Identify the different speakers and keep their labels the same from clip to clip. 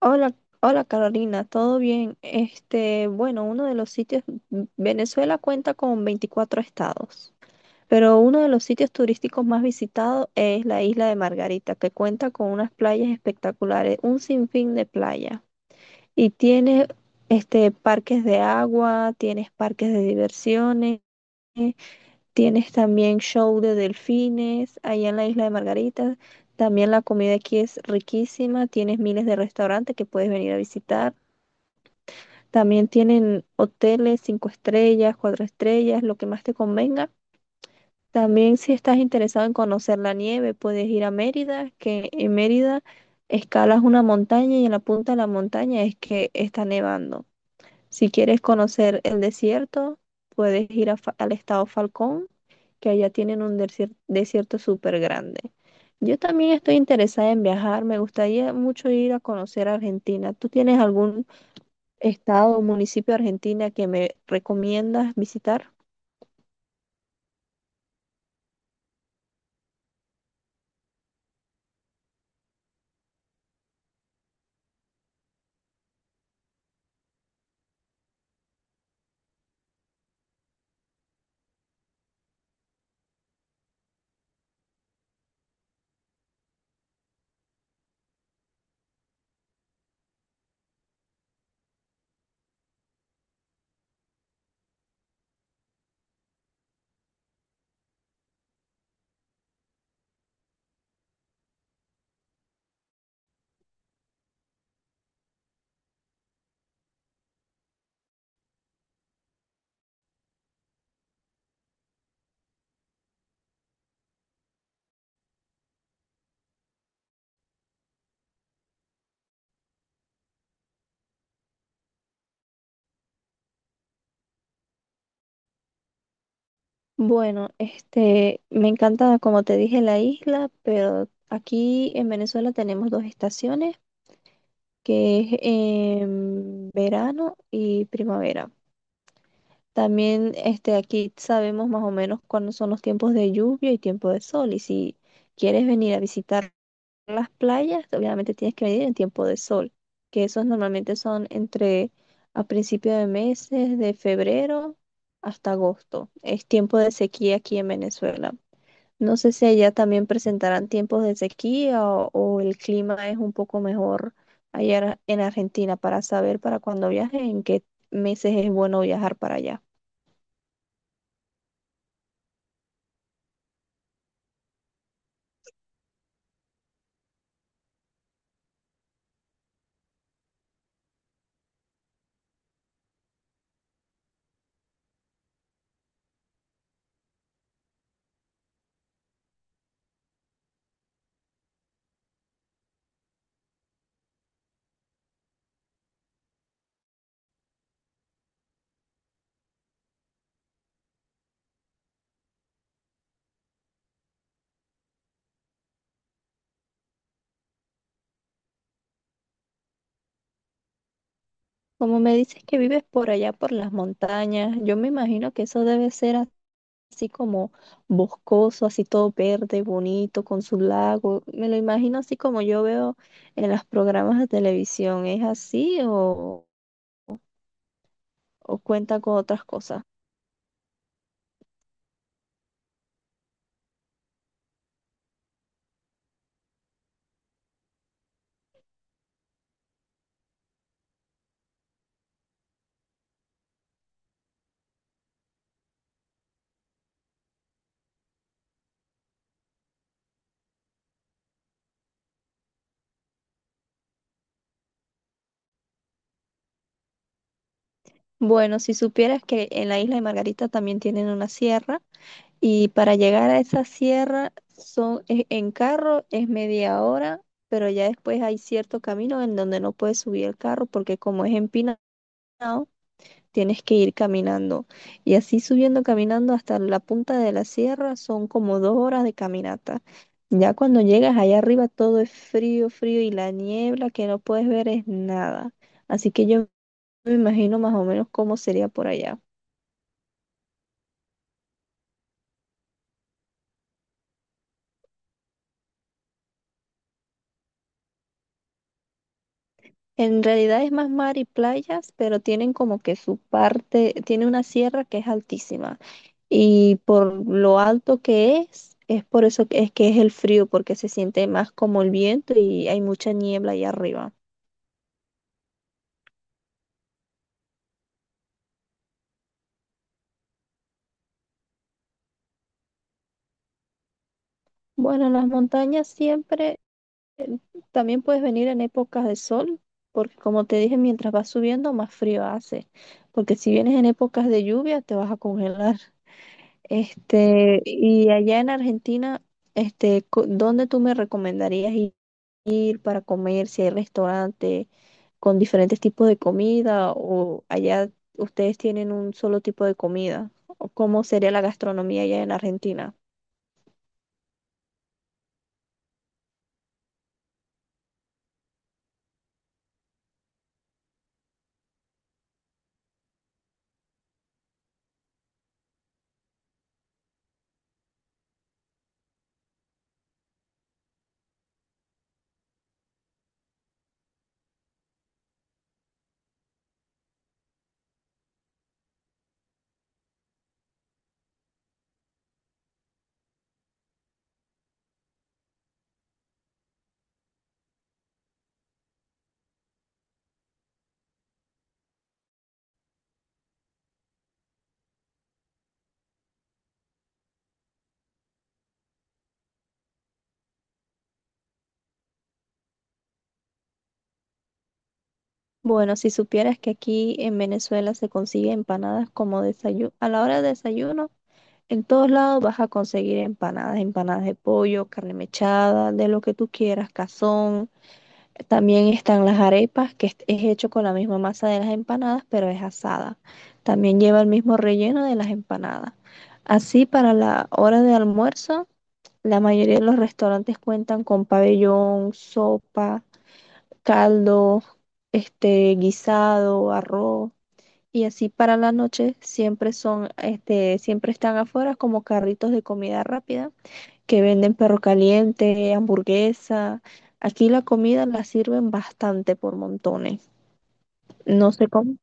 Speaker 1: Hola, hola Carolina, ¿todo bien? Este, bueno, uno de los sitios, Venezuela cuenta con 24 estados, pero uno de los sitios turísticos más visitados es la isla de Margarita, que cuenta con unas playas espectaculares, un sinfín de playas. Y tiene este parques de agua, tienes parques de diversiones, tienes también show de delfines allá en la isla de Margarita. También la comida aquí es riquísima, tienes miles de restaurantes que puedes venir a visitar. También tienen hoteles, 5 estrellas, 4 estrellas, lo que más te convenga. También si estás interesado en conocer la nieve, puedes ir a Mérida, que en Mérida escalas una montaña y en la punta de la montaña es que está nevando. Si quieres conocer el desierto, puedes ir a al estado Falcón, que allá tienen un desierto súper grande. Yo también estoy interesada en viajar, me gustaría mucho ir a conocer Argentina. ¿Tú tienes algún estado o municipio de Argentina que me recomiendas visitar? Bueno, este, me encanta, como te dije, la isla, pero aquí en Venezuela tenemos dos estaciones, que es verano y primavera. También, este, aquí sabemos más o menos cuándo son los tiempos de lluvia y tiempo de sol, y si quieres venir a visitar las playas, obviamente tienes que venir en tiempo de sol, que esos normalmente son entre a principios de meses, de febrero hasta agosto. Es tiempo de sequía aquí en Venezuela. No sé si allá también presentarán tiempos de sequía o el clima es un poco mejor allá en en Argentina para saber para cuando viaje en qué meses es bueno viajar para allá. Como me dices que vives por allá, por las montañas, yo me imagino que eso debe ser así como boscoso, así todo verde, bonito, con su lago. Me lo imagino así como yo veo en los programas de televisión. ¿Es así o cuenta con otras cosas? Bueno, si supieras que en la isla de Margarita también tienen una sierra y para llegar a esa sierra son, en carro es media hora, pero ya después hay cierto camino en donde no puedes subir el carro porque como es empinado, tienes que ir caminando. Y así subiendo, caminando hasta la punta de la sierra, son como 2 horas de caminata. Ya cuando llegas allá arriba todo es frío, frío y la niebla que no puedes ver es nada. Así que yo me imagino más o menos cómo sería por allá. En realidad es más mar y playas, pero tienen como que su parte, tiene una sierra que es altísima. Y por lo alto que es por eso que es el frío, porque se siente más como el viento y hay mucha niebla allá arriba. Bueno, las montañas siempre, también puedes venir en épocas de sol, porque como te dije, mientras vas subiendo, más frío hace, porque si vienes en épocas de lluvia, te vas a congelar. Este, y allá en Argentina, este, ¿dónde tú me recomendarías ir para comer? Si hay restaurante con diferentes tipos de comida, o allá ustedes tienen un solo tipo de comida, o cómo sería la gastronomía allá en Argentina. Bueno, si supieras que aquí en Venezuela se consigue empanadas como desayuno, a la hora de desayuno, en todos lados vas a conseguir empanadas, empanadas de pollo, carne mechada, de lo que tú quieras, cazón. También están las arepas, que es hecho con la misma masa de las empanadas, pero es asada. También lleva el mismo relleno de las empanadas. Así, para la hora de almuerzo, la mayoría de los restaurantes cuentan con pabellón, sopa caldo, este guisado, arroz y así para la noche siempre son, este, siempre están afuera como carritos de comida rápida que venden perro caliente, hamburguesa. Aquí la comida la sirven bastante por montones. No sé cómo.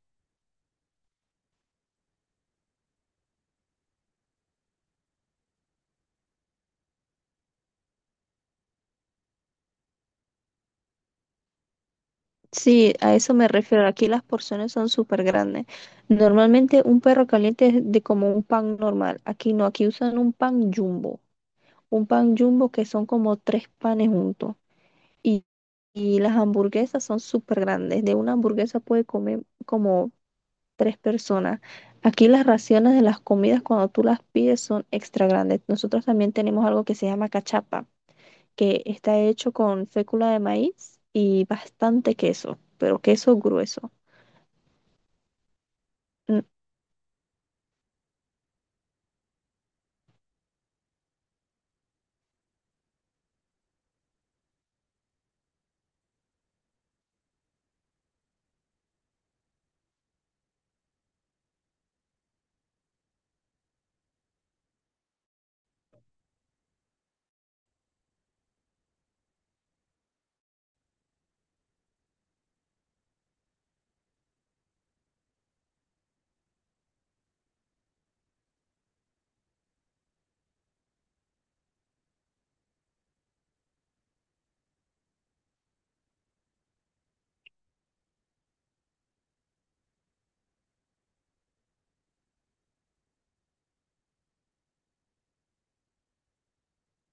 Speaker 1: Sí, a eso me refiero. Aquí las porciones son súper grandes. Normalmente un perro caliente es de como un pan normal. Aquí no, aquí usan un pan jumbo. Un pan jumbo que son como tres panes juntos. Y, y las hamburguesas son súper grandes. De una hamburguesa puede comer como tres personas. Aquí las raciones de las comidas cuando tú las pides son extra grandes. Nosotros también tenemos algo que se llama cachapa, que está hecho con fécula de maíz y bastante queso, pero queso grueso. Mm.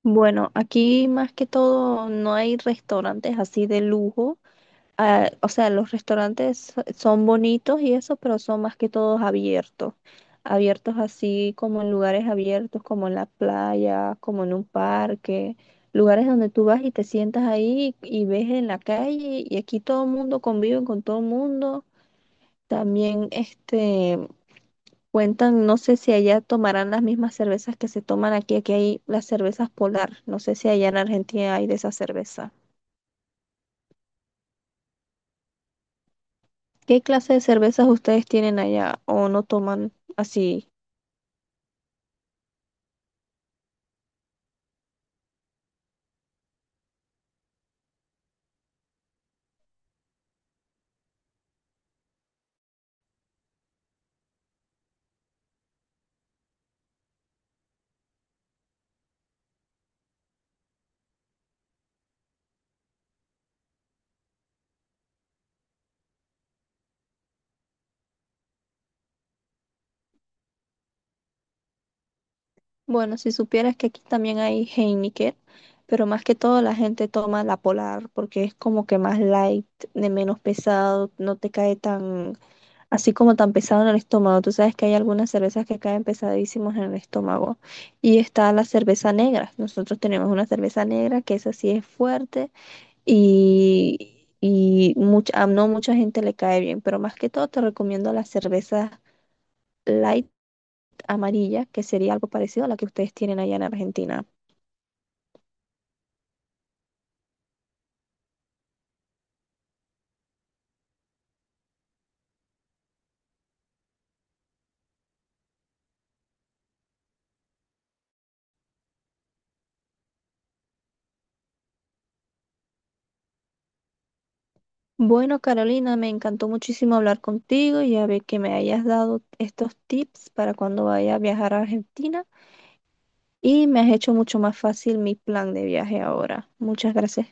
Speaker 1: Bueno, aquí más que todo no hay restaurantes así de lujo ah, o sea, los restaurantes son bonitos y eso, pero son más que todos abiertos. Abiertos así como en lugares abiertos, como en la playa, como en un parque, lugares donde tú vas y te sientas ahí y ves en la calle y aquí todo el mundo convive con todo el mundo. También este cuentan, no sé si allá tomarán las mismas cervezas que se toman aquí, aquí hay las cervezas Polar, no sé si allá en Argentina hay de esa cerveza. ¿Qué clase de cervezas ustedes tienen allá o no toman así? Bueno, si supieras que aquí también hay Heineken, pero más que todo la gente toma la Polar porque es como que más light, de menos pesado, no te cae tan así como tan pesado en el estómago. Tú sabes que hay algunas cervezas que caen pesadísimos en el estómago. Y está la cerveza negra. Nosotros tenemos una cerveza negra que esa sí es fuerte y y mucha, a no mucha gente le cae bien, pero más que todo te recomiendo las cervezas light amarilla, que sería algo parecido a la que ustedes tienen allá en Argentina. Bueno, Carolina, me encantó muchísimo hablar contigo y a ver que me hayas dado estos tips para cuando vaya a viajar a Argentina y me has hecho mucho más fácil mi plan de viaje ahora. Muchas gracias.